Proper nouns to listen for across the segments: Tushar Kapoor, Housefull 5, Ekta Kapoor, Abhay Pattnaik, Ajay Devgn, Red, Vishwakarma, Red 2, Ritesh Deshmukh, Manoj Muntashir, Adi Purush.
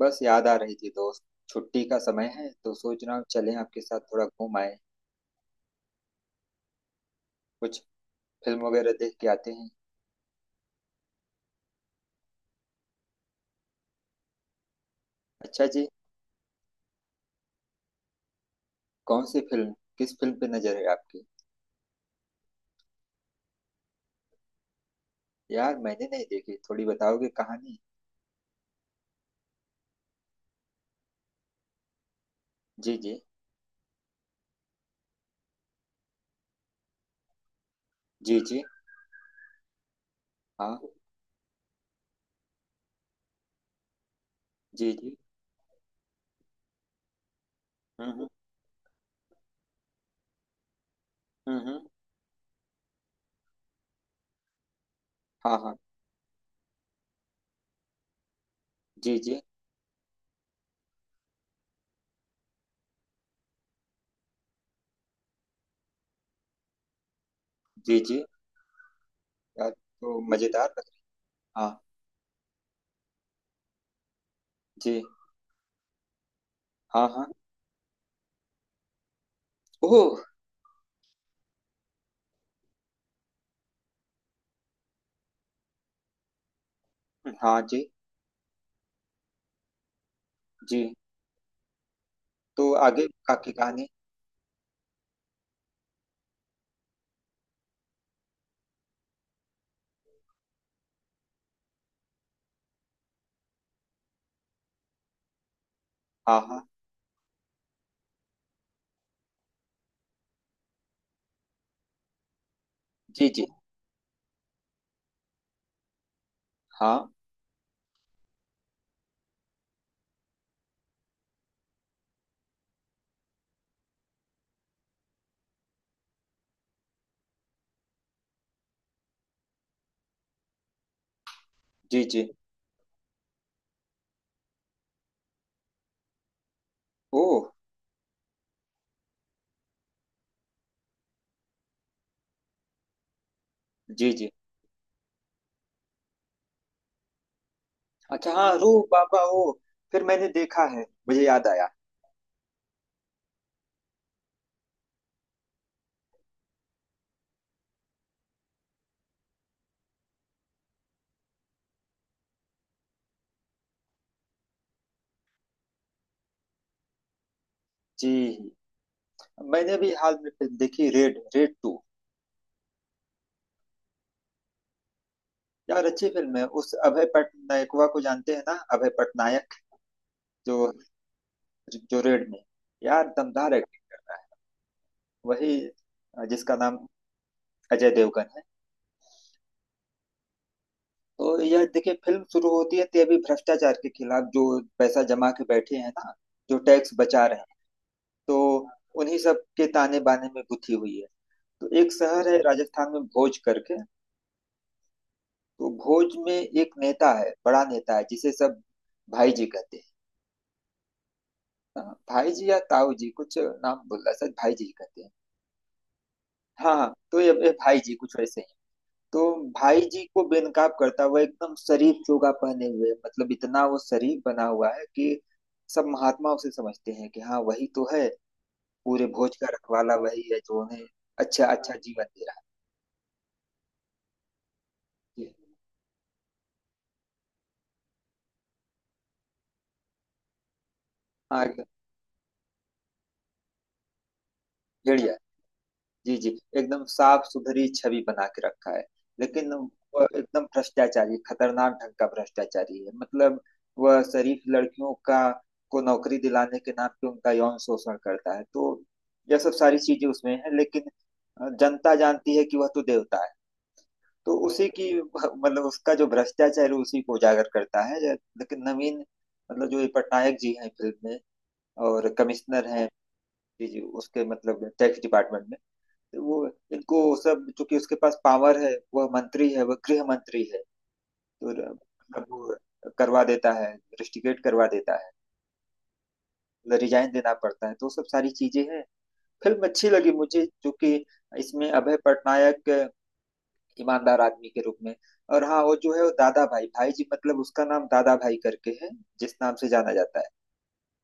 बस याद आ रही थी दोस्त। छुट्टी का समय है तो सोच रहा हूँ चलें आपके साथ थोड़ा घूम आए। कुछ फिल्म वगैरह देख के आते हैं। अच्छा जी। कौन सी फिल्म, किस फिल्म पे नजर है आपकी? यार मैंने नहीं देखी, थोड़ी बताओगे कहानी? जी जी। जी जी। हाँ। जी जी। हम्म। हम्म। हाँ हाँ। जी जी। जी जी। यार तो हाँ जी। हाँ हाँ। ओह। हाँ। जी जी। तो आगे का की कहानी? हाँ हाँ। जी जी। हाँ। जी जी। ओह। जी जी। अच्छा, हाँ, रूह बाबा वो। फिर मैंने देखा है। मुझे याद आया। जी। मैंने भी हाल में फिल्म देखी रेड, रेड 2। यार अच्छी फिल्म है। उस अभय पटनायकवा को जानते हैं ना, अभय पटनायक जो। जो रेड में, यार, दमदार एक्टिंग कर रहा है। वही जिसका नाम अजय देवगन है। तो यह देखिए फिल्म शुरू होती है तभी भ्रष्टाचार के खिलाफ, जो पैसा जमा के बैठे हैं ना, जो टैक्स बचा रहे हैं, तो उन्हीं सब के ताने बाने में गुथी हुई है। तो एक शहर है राजस्थान में, भोज करके। तो भोज में एक नेता है, बड़ा नेता है, जिसे सब भाई जी कहते हैं। हाँ, भाई जी या ताऊ जी कुछ नाम बोल रहा, सर भाई जी ही कहते हैं। हाँ हाँ, तो ये भाई जी कुछ वैसे ही। तो भाई जी को बेनकाब करता हुआ, एकदम शरीफ चोगा पहने हुए, मतलब इतना वो शरीफ बना हुआ है कि सब महात्मा उसे समझते हैं कि हाँ वही तो है, पूरे भोज का रखवाला वही है जो उन्हें अच्छा अच्छा जीवन दे रहा है। हाँ एकदम। भेड़िया। जी जी। एकदम साफ सुथरी छवि बना के रखा है। लेकिन वह एकदम भ्रष्टाचारी, खतरनाक ढंग का भ्रष्टाचारी है। मतलब वह शरीफ लड़कियों का, को नौकरी दिलाने के नाम पे उनका यौन शोषण करता है। तो यह सब सारी चीजें उसमें है। लेकिन जनता जानती है कि वह तो देवता है। तो उसी की मतलब उसका जो भ्रष्टाचार है उसी को उजागर करता है लेकिन नवीन, मतलब जो ये पटनायक जी हैं फिल्म में, और कमिश्नर हैं। जी जी, उसके मतलब टैक्स डिपार्टमेंट में वो। इनको सब, चूंकि उसके पास पावर है, वह मंत्री है, वह गृह मंत्री है, तो मतलब वो करवा देता है, रिस्ट्रिकेट करवा देता है। मतलब रिजाइन देना पड़ता है, तो सब सारी चीजें हैं। फिल्म अच्छी लगी मुझे, चूंकि इसमें अभय पटनायक ईमानदार आदमी के रूप में। और हाँ, वो जो है वो दादा भाई, भाई जी, मतलब उसका नाम दादा भाई करके है, जिस नाम से जाना जाता है।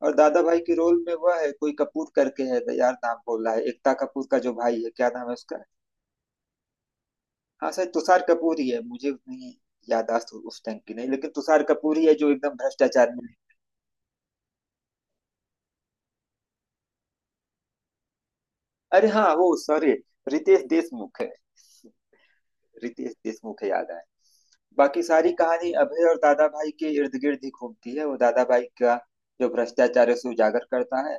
और दादा भाई के रोल में वह है कोई कपूर करके है। तो यार नाम बोल रहा है, एकता कपूर का जो भाई है, क्या नाम है उसका? हाँ सर, तुषार कपूर ही है। मुझे उतनी याददाश्त उस टाइम की नहीं, लेकिन तुषार कपूर ही है जो एकदम भ्रष्टाचार में। अरे हाँ, वो सॉरी, रितेश देशमुख है। रितेश देशमुख है, याद आया। बाकी सारी कहानी अभय और दादा भाई के इर्द गिर्द ही घूमती है। वो दादा भाई का जो भ्रष्टाचार है उसे उजागर करता है।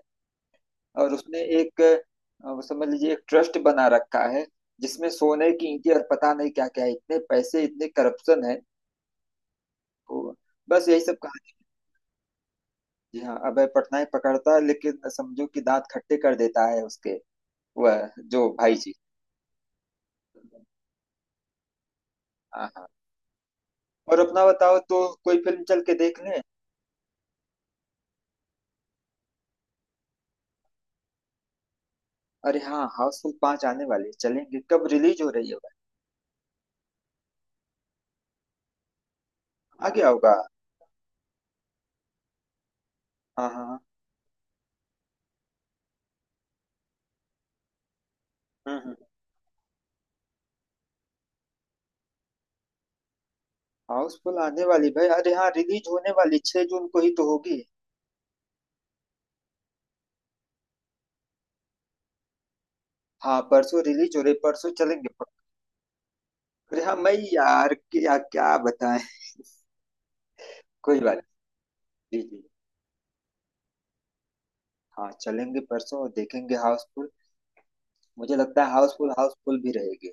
और उसने एक वो समझ लीजिए एक ट्रस्ट बना रखा है, जिसमें सोने की ईंटें और पता नहीं क्या क्या है, इतने पैसे, इतने करप्शन है। तो बस यही सब। जी हाँ, अभय पटनायक पकड़ता है, लेकिन समझो कि दांत खट्टे कर देता है उसके, वह जो भाई जी। हाँ हाँ। और अपना बताओ तो, कोई फिल्म चल के देख लें। अरे हाँ, हाउसफुल 5 आने वाली है, चलेंगे, कब रिलीज हो रही है? भाई? आ गया होगा। हाँ हाँ। हम्म। हाउसफुल आने वाली, भाई अरे हाँ, रिलीज होने वाली 6 जून को ही तो होगी। हाँ परसों रिलीज हो रही, परसों चलेंगे। अरे हाँ, मैं यार क्या क्या बताएं। कोई बात नहीं। जी जी। हाँ चलेंगे परसों और देखेंगे हाउसफुल। मुझे लगता है हाउसफुल, हाउसफुल भी रहेगी।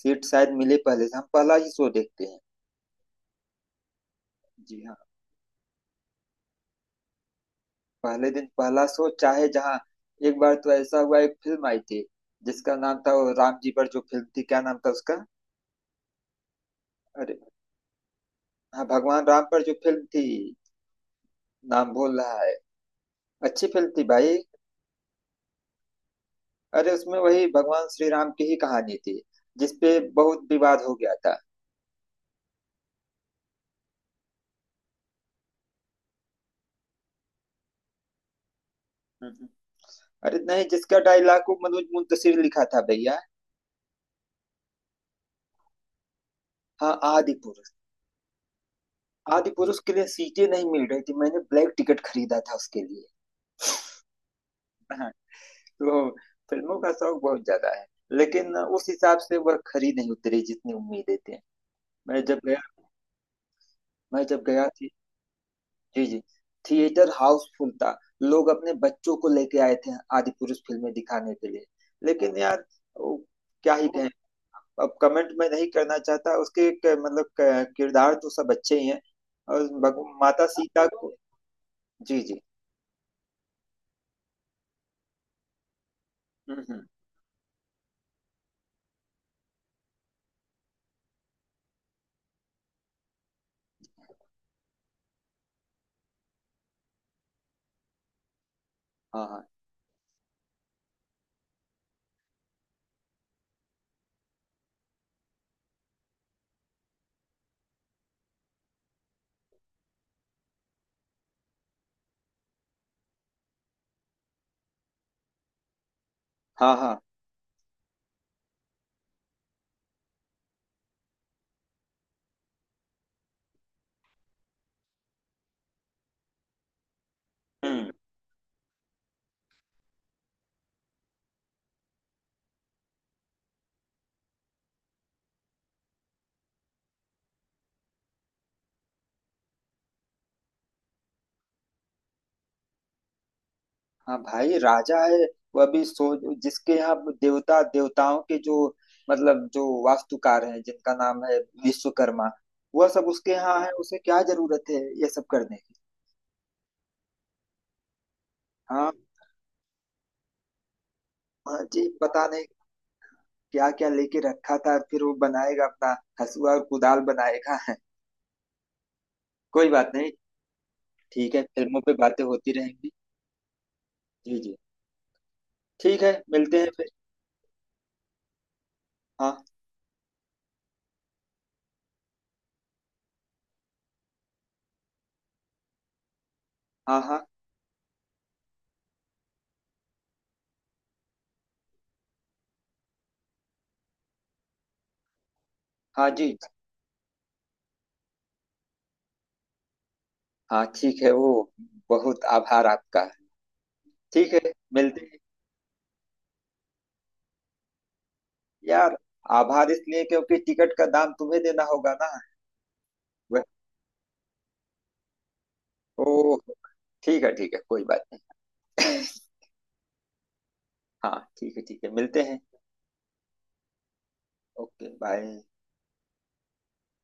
सीट शायद मिले, पहले से हम पहला ही शो देखते हैं। जी हाँ। पहले दिन पहला शो, चाहे जहाँ। एक बार तो ऐसा हुआ, एक फिल्म आई थी जिसका नाम था, वो राम जी पर जो फिल्म थी, क्या नाम था उसका? अरे, हाँ भगवान राम पर जो फिल्म थी, नाम भूल रहा है। अच्छी फिल्म थी भाई। अरे उसमें वही भगवान श्री राम की ही कहानी थी, जिसपे बहुत विवाद हो गया था। हम्म, हम्म। अरे नहीं, जिसका डायलॉग को मनोज मुंतशिर लिखा था भैया। हाँ आदि पुरुष। आदि पुरुष के लिए सीटें नहीं मिल रही थी, मैंने ब्लैक टिकट खरीदा था उसके लिए। तो फिल्मों का शौक बहुत ज्यादा है। लेकिन उस हिसाब से वह खरी नहीं उतरी जितनी उम्मीदें थी। मैं जब गया। मैं जब गया थी। जी जी। थिएटर हाउसफुल था। लोग अपने बच्चों को लेके आए थे आदि पुरुष फिल्में दिखाने के लिए। लेकिन यार, वो, क्या ही कहें। अब कमेंट मैं नहीं करना चाहता उसके मतलब किरदार तो सब अच्छे ही हैं। और माता सीता को। जी जी। हम्म। हाँ हाँ हाँ हाँ। हम्म। हाँ भाई राजा है। वह भी, सो जिसके यहाँ देवता, देवताओं के जो, मतलब जो वास्तुकार हैं जिनका नाम है विश्वकर्मा, वह सब उसके यहाँ है, उसे क्या जरूरत है ये सब करने की। हाँ हाँ। जी, पता नहीं क्या क्या लेके रखा था, फिर वो बनाएगा अपना हसुआ और कुदाल बनाएगा कोई बात नहीं। ठीक है, फिल्मों पे बातें होती रहेंगी। जी जी। ठीक है, मिलते हैं फिर। हाँ हाँ हाँ हाँ। जी हाँ, ठीक है वो। बहुत आभार आपका। ठीक है, मिलते हैं। यार, आभार इसलिए क्योंकि टिकट का दाम तुम्हें देना होगा ना। वह, ओ, ठीक है ठीक है, कोई बात नहीं। हाँ ठीक है ठीक है, मिलते हैं। Okay bye.